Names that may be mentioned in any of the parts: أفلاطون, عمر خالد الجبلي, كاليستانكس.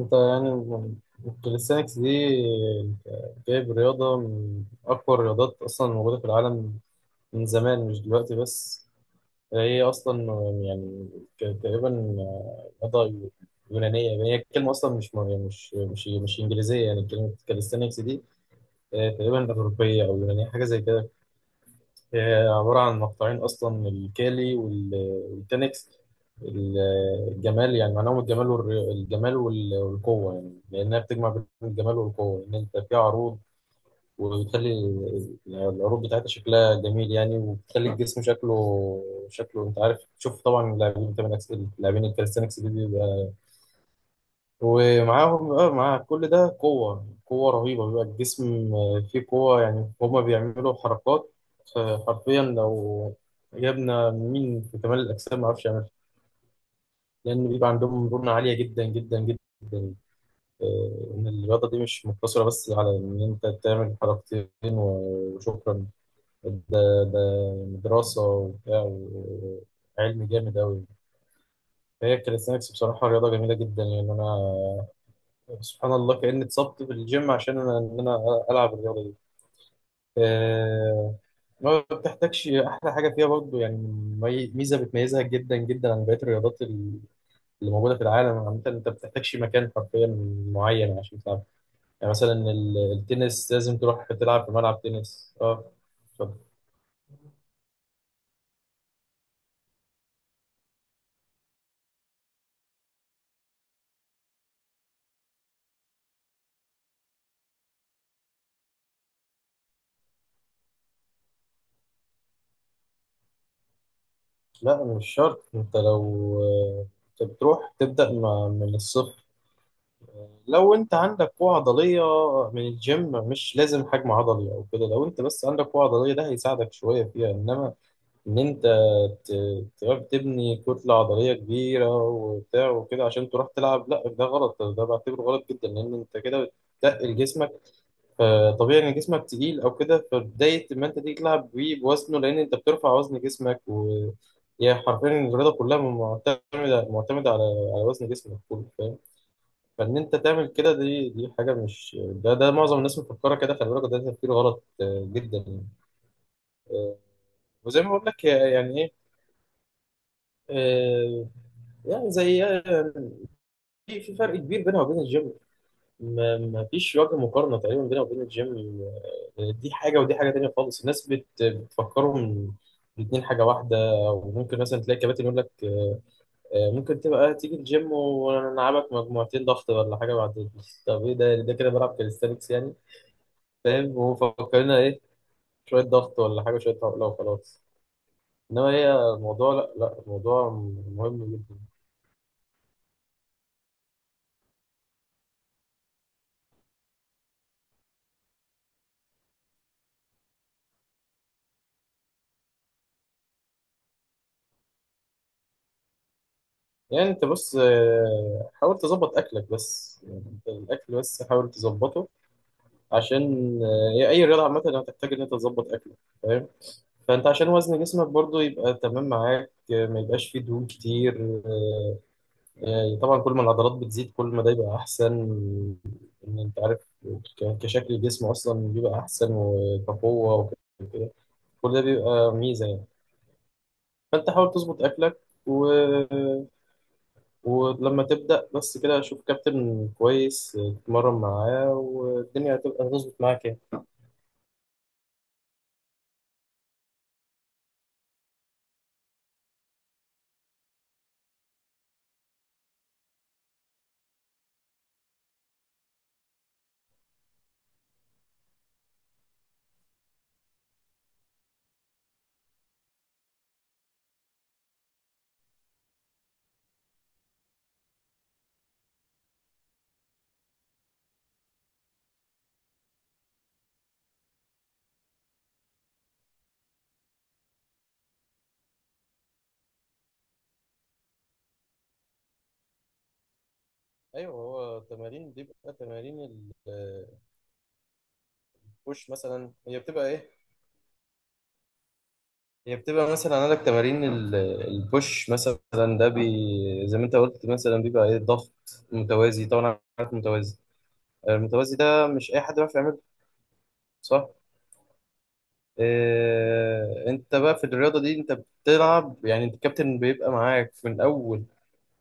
انت يعني الكاليستانكس دي جايب رياضة من أقوى الرياضات أصلا موجودة في العالم، من زمان مش دلوقتي بس. هي أصلا يعني تقريبا رياضة يونانية، يعني هي الكلمة أصلا مش إنجليزية، يعني كلمة كاليستانكس دي تقريبا أوروبية أو يونانية، حاجة زي كده. هي عبارة عن مقطعين أصلا، من الكالي والتنكس. ال- الجمال، يعني معناهم الجمال الجمال والقوة، يعني لأنها بتجمع بين الجمال والقوة، إن أنت فيها عروض، وبتخلي العروض بتاعتها شكلها جميل يعني، وبتخلي الجسم شكله أنت عارف تشوف. طبعا اللاعبين، أنت اللاعبين الكاليستانكس دي بيبقى ومعاهم، اه، مع كل ده قوة رهيبة، بيبقى الجسم فيه قوة، يعني هما بيعملوا حركات حرفيا لو جبنا مين في كمال الأجسام معرفش يعملها، لأن بيبقى عندهم مرونة عالية جدا جدا جدا. إن الرياضة دي مش مقتصرة بس على إن أنت تعمل حركتين وشكرا، ده دراسة وبتاع، وعلم جامد أوي. فهي الكاليستانكس بصراحة رياضة جميلة جدا يعني، أنا سبحان الله كأني اتصبت في الجيم عشان انا العب الرياضه دي. آه، ما بتحتاجش. احلى حاجه فيها برضو يعني، ميزه بتميزها جدا جدا عن بقيه الرياضات اللي موجوده في العالم عامه، انت ما بتحتاجش مكان حرفيا معين عشان تلعب. يعني مثلا التنس لازم تروح تلعب في ملعب تنس، اه. طب لا، مش شرط. انت لو آه، انت بتروح تبدا من الصفر، لو انت عندك قوة عضلية من الجيم، مش لازم حجم عضلي او كده، لو انت بس عندك قوة عضلية ده هيساعدك شوية فيها. انما ان انت تعرف تبني كتلة عضلية كبيرة وبتاع وكده عشان تروح تلعب، لا ده غلط، ده بعتبره غلط جدا، لان انت كده بتتقل جسمك، فطبيعي ان جسمك تقيل او كده، فبداية ما انت تيجي تلعب بيه بوزنه، لان انت بترفع وزن جسمك. و هي حرفيا الرياضة كلها معتمدة على على وزن جسمك كله، فاهم؟ فان انت تعمل كده، دي حاجه مش، ده معظم الناس مفكره كده، خلي بالك ده تفكير غلط جدا يعني. آه، وزي ما بقول لك يعني ايه، آه، يعني زي، في في فرق كبير بينها وبين الجيم، ما ما فيش وجه مقارنه تقريبا بينها وبين الجيم. دي حاجه ودي حاجه تانيه خالص، الناس بت بتفكرهم الاتنين حاجه واحده. وممكن مثلا تلاقي كباتن يقول لك ممكن تبقى تيجي الجيم ونلعبك مجموعتين ضغط ولا حاجه، بعد طب ايه؟ ده كده بلعب كاليستانكس يعني، فاهم؟ ومفكرينها ايه؟ شوية ضغط ولا حاجة شوية عقلة وخلاص. انما هي الموضوع لا لا، الموضوع مهم جدا. يعني انت بص، حاول تظبط اكلك بس، يعني انت الاكل بس حاول تظبطه، عشان هي اي رياضة عامة هتحتاج ان انت تظبط اكلك، فاهم؟ فانت عشان وزن جسمك برضو يبقى تمام معاك ما يبقاش فيه دهون كتير يعني طبعا كل ما العضلات بتزيد كل ما ده يبقى احسن، ان انت عارف كشكل الجسم اصلا بيبقى احسن وكقوه وكده، كل ده بيبقى ميزه يعني. فانت حاول تظبط اكلك، و... ولما تبدا بس كده شوف كابتن كويس تتمرن معاه والدنيا هتبقى هتظبط معاك يعني. ايوه، هو التمارين بيبقى تمارين البوش مثلا. هي بتبقى ايه؟ هي بتبقى مثلا عندك تمارين البوش مثلا، ده بي، زي ما انت قلت مثلا بيبقى ايه؟ ضغط متوازي طبعا، عارف متوازي؟ المتوازي ده مش اي حد بيعرف يعمله، صح؟ إيه؟ انت بقى في الرياضه دي انت بتلعب، يعني انت الكابتن بيبقى معاك من اول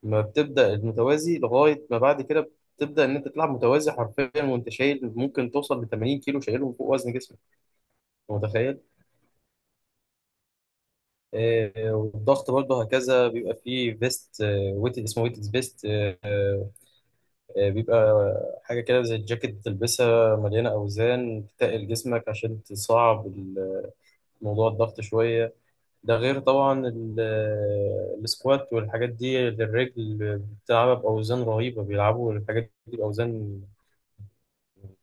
ما بتبدا المتوازي لغايه ما بعد كده، بتبدا ان انت تلعب متوازي حرفيا، وانت شايل ممكن توصل ل 80 كيلو شايلهم فوق وزن جسمك، متخيل؟ إيه والضغط برضه هكذا بيبقى فيه فيست، ويت، اسمه ويت فيست، بيبقى حاجة كده زي الجاكيت بتلبسها مليانة أوزان تتقل جسمك عشان تصعب موضوع الضغط شوية. ده غير طبعا السكوات والحاجات دي للرجل، بتلعبها بأوزان رهيبة، بيلعبوا الحاجات دي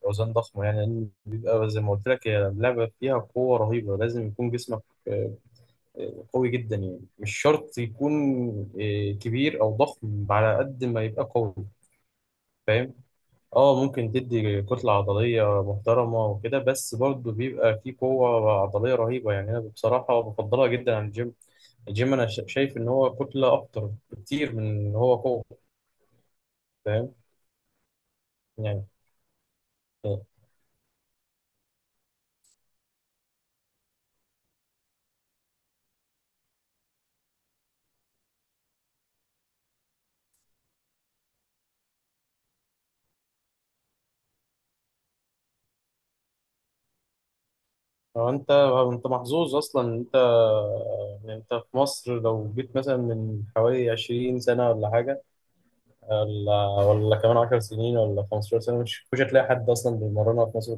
أوزان ضخمة يعني، لأن بيبقى زي ما قلت لك هي لعبة فيها قوة رهيبة، لازم يكون جسمك آه، قوي جدا يعني، مش شرط يكون كبير أو ضخم، على قد ما يبقى قوي، فاهم؟ اه، ممكن تدي كتلة عضلية محترمة وكده، بس برضه بيبقى فيه قوة عضلية رهيبة. يعني أنا بصراحة بفضلها جدا عن الجيم. الجيم أنا شايف إن هو كتلة أكتر بكتير من إن هو قوة، فاهم؟ يعني هو، أنت، أنت محظوظ أصلا إن أنت في مصر. لو جيت مثلا من حوالي 20 سنة ولا حاجة، ولا كمان 10 سنين ولا 15 سنة، مش هتلاقي حد أصلا بيمرنها في مصر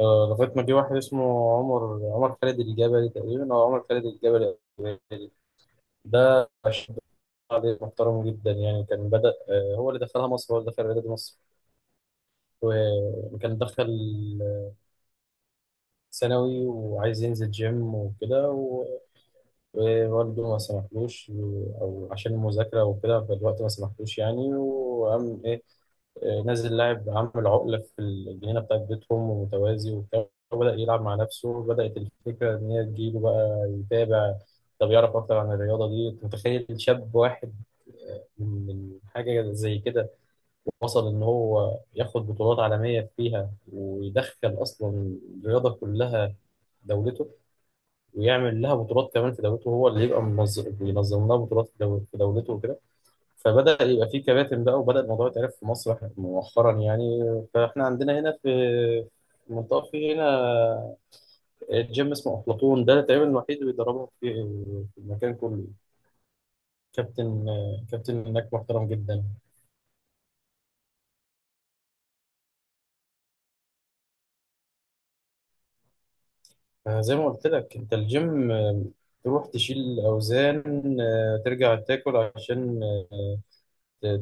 لغاية ما جه واحد اسمه عمر عمر خالد الجبلي، تقريبا أو عمر خالد الجبلي، ده شاب عليه محترم جدا يعني. كان بدأ، هو اللي دخلها مصر، هو اللي دخل رياضة مصر، وكان دخل ثانوي وعايز ينزل جيم وكده ووالده ما سمحلوش، أو عشان المذاكرة وكده، فالوقت ما سمحلوش يعني. وقام إيه، نازل لاعب عامل عقلة في الجنينة بتاعت بيتهم، ومتوازي وبتاع، وبدأ يلعب مع نفسه. بدأت الفكرة إن هي تجيله بقى يتابع، طب يعرف أكتر عن الرياضة دي. أنت متخيل شاب واحد من من حاجة زي كده وصل إن هو ياخد بطولات عالمية فيها، ويدخل أصلا الرياضة كلها دولته، ويعمل لها بطولات كمان في دولته، هو اللي يبقى منظم بينظم لها بطولات في دولته وكده. فبدأ يبقى في كباتن بقى، وبدأ الموضوع يتعرف في مصر مؤخرا يعني. فاحنا عندنا هنا في في المنطقة في هنا جيم اسمه أفلاطون، ده تقريبا الوحيد اللي بيدربهم في في المكان كله. كابتن، كابتن هناك محترم جدا. زي ما قلت لك انت الجيم تروح تشيل أوزان، ترجع تاكل عشان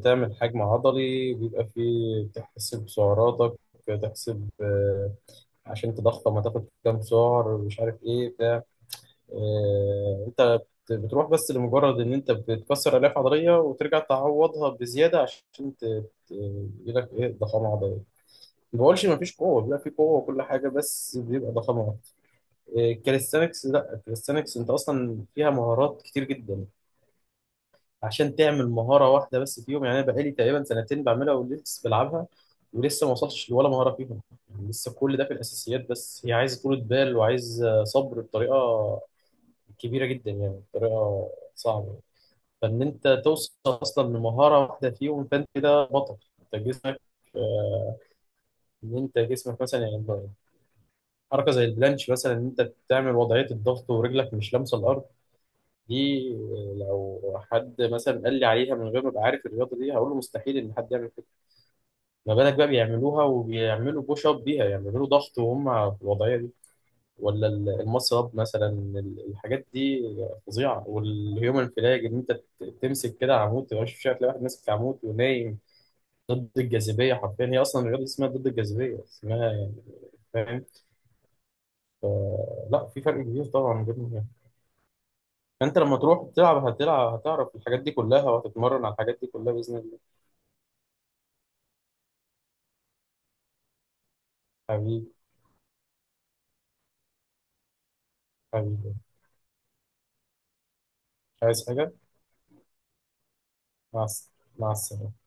تعمل حجم عضلي، بيبقى فيه تحسب سعراتك، تحسب عشان تضخم هتاخد كام سعر مش عارف ايه بتاع. انت بتروح بس لمجرد ان انت بتكسر الياف عضليه وترجع تعوضها بزياده عشان ت- يجيلك ايه ضخامه عضليه. ما بقولش ما فيش قوه، بيبقى في قوه وكل حاجه، بس بيبقى ضخامه اكتر. الكاليستانكس لا، الكاليستانكس انت اصلا فيها مهارات كتير جدا، عشان تعمل مهارة واحدة بس فيهم. يعني أنا بقالي تقريبا سنتين بعملها ولسه بلعبها، ولسه ما وصلتش لولا مهارة فيهم، يعني لسه كل ده في الأساسيات بس. هي عايزة طولة بال، وعايزة صبر بطريقة كبيرة جدا، يعني بطريقة صعبة. فإن أنت توصل أصلا لمهارة واحدة فيهم، فأنت كده بطل. أنت جسمك آه، إن أنت جسمك مثلا يعني، حركة زي البلانش مثلا، إن أنت تعمل وضعية الضغط ورجلك مش لامسة الأرض، دي لو حد مثلا قال لي عليها من غير ما ابقى عارف الرياضه دي، هقول له مستحيل ان حد يعمل كده. ما بالك بقى بيعملوها وبيعملوا بوش اب بيها، يعملوا ضغط وهم في الوضعيه دي، ولا المص اب مثلا، الحاجات دي فظيعه. والهيومن فلاج ان انت تمسك كده عمود، تبقى مش شايف، تلاقي واحد ماسك عمود ونايم ضد الجاذبيه، حرفيا هي اصلا الرياضه دي اسمها ضد الجاذبيه اسمها يعني، فاهم؟ لا في فرق كبير طبعا بينهم يعني. فانت لما تروح تلعب هتلعب، هتعرف الحاجات دي كلها، وهتتمرن على الحاجات دي كلها باذن الله. حبيبي، حبيبي. عايز حاجة؟ مع الس- مع السلامة.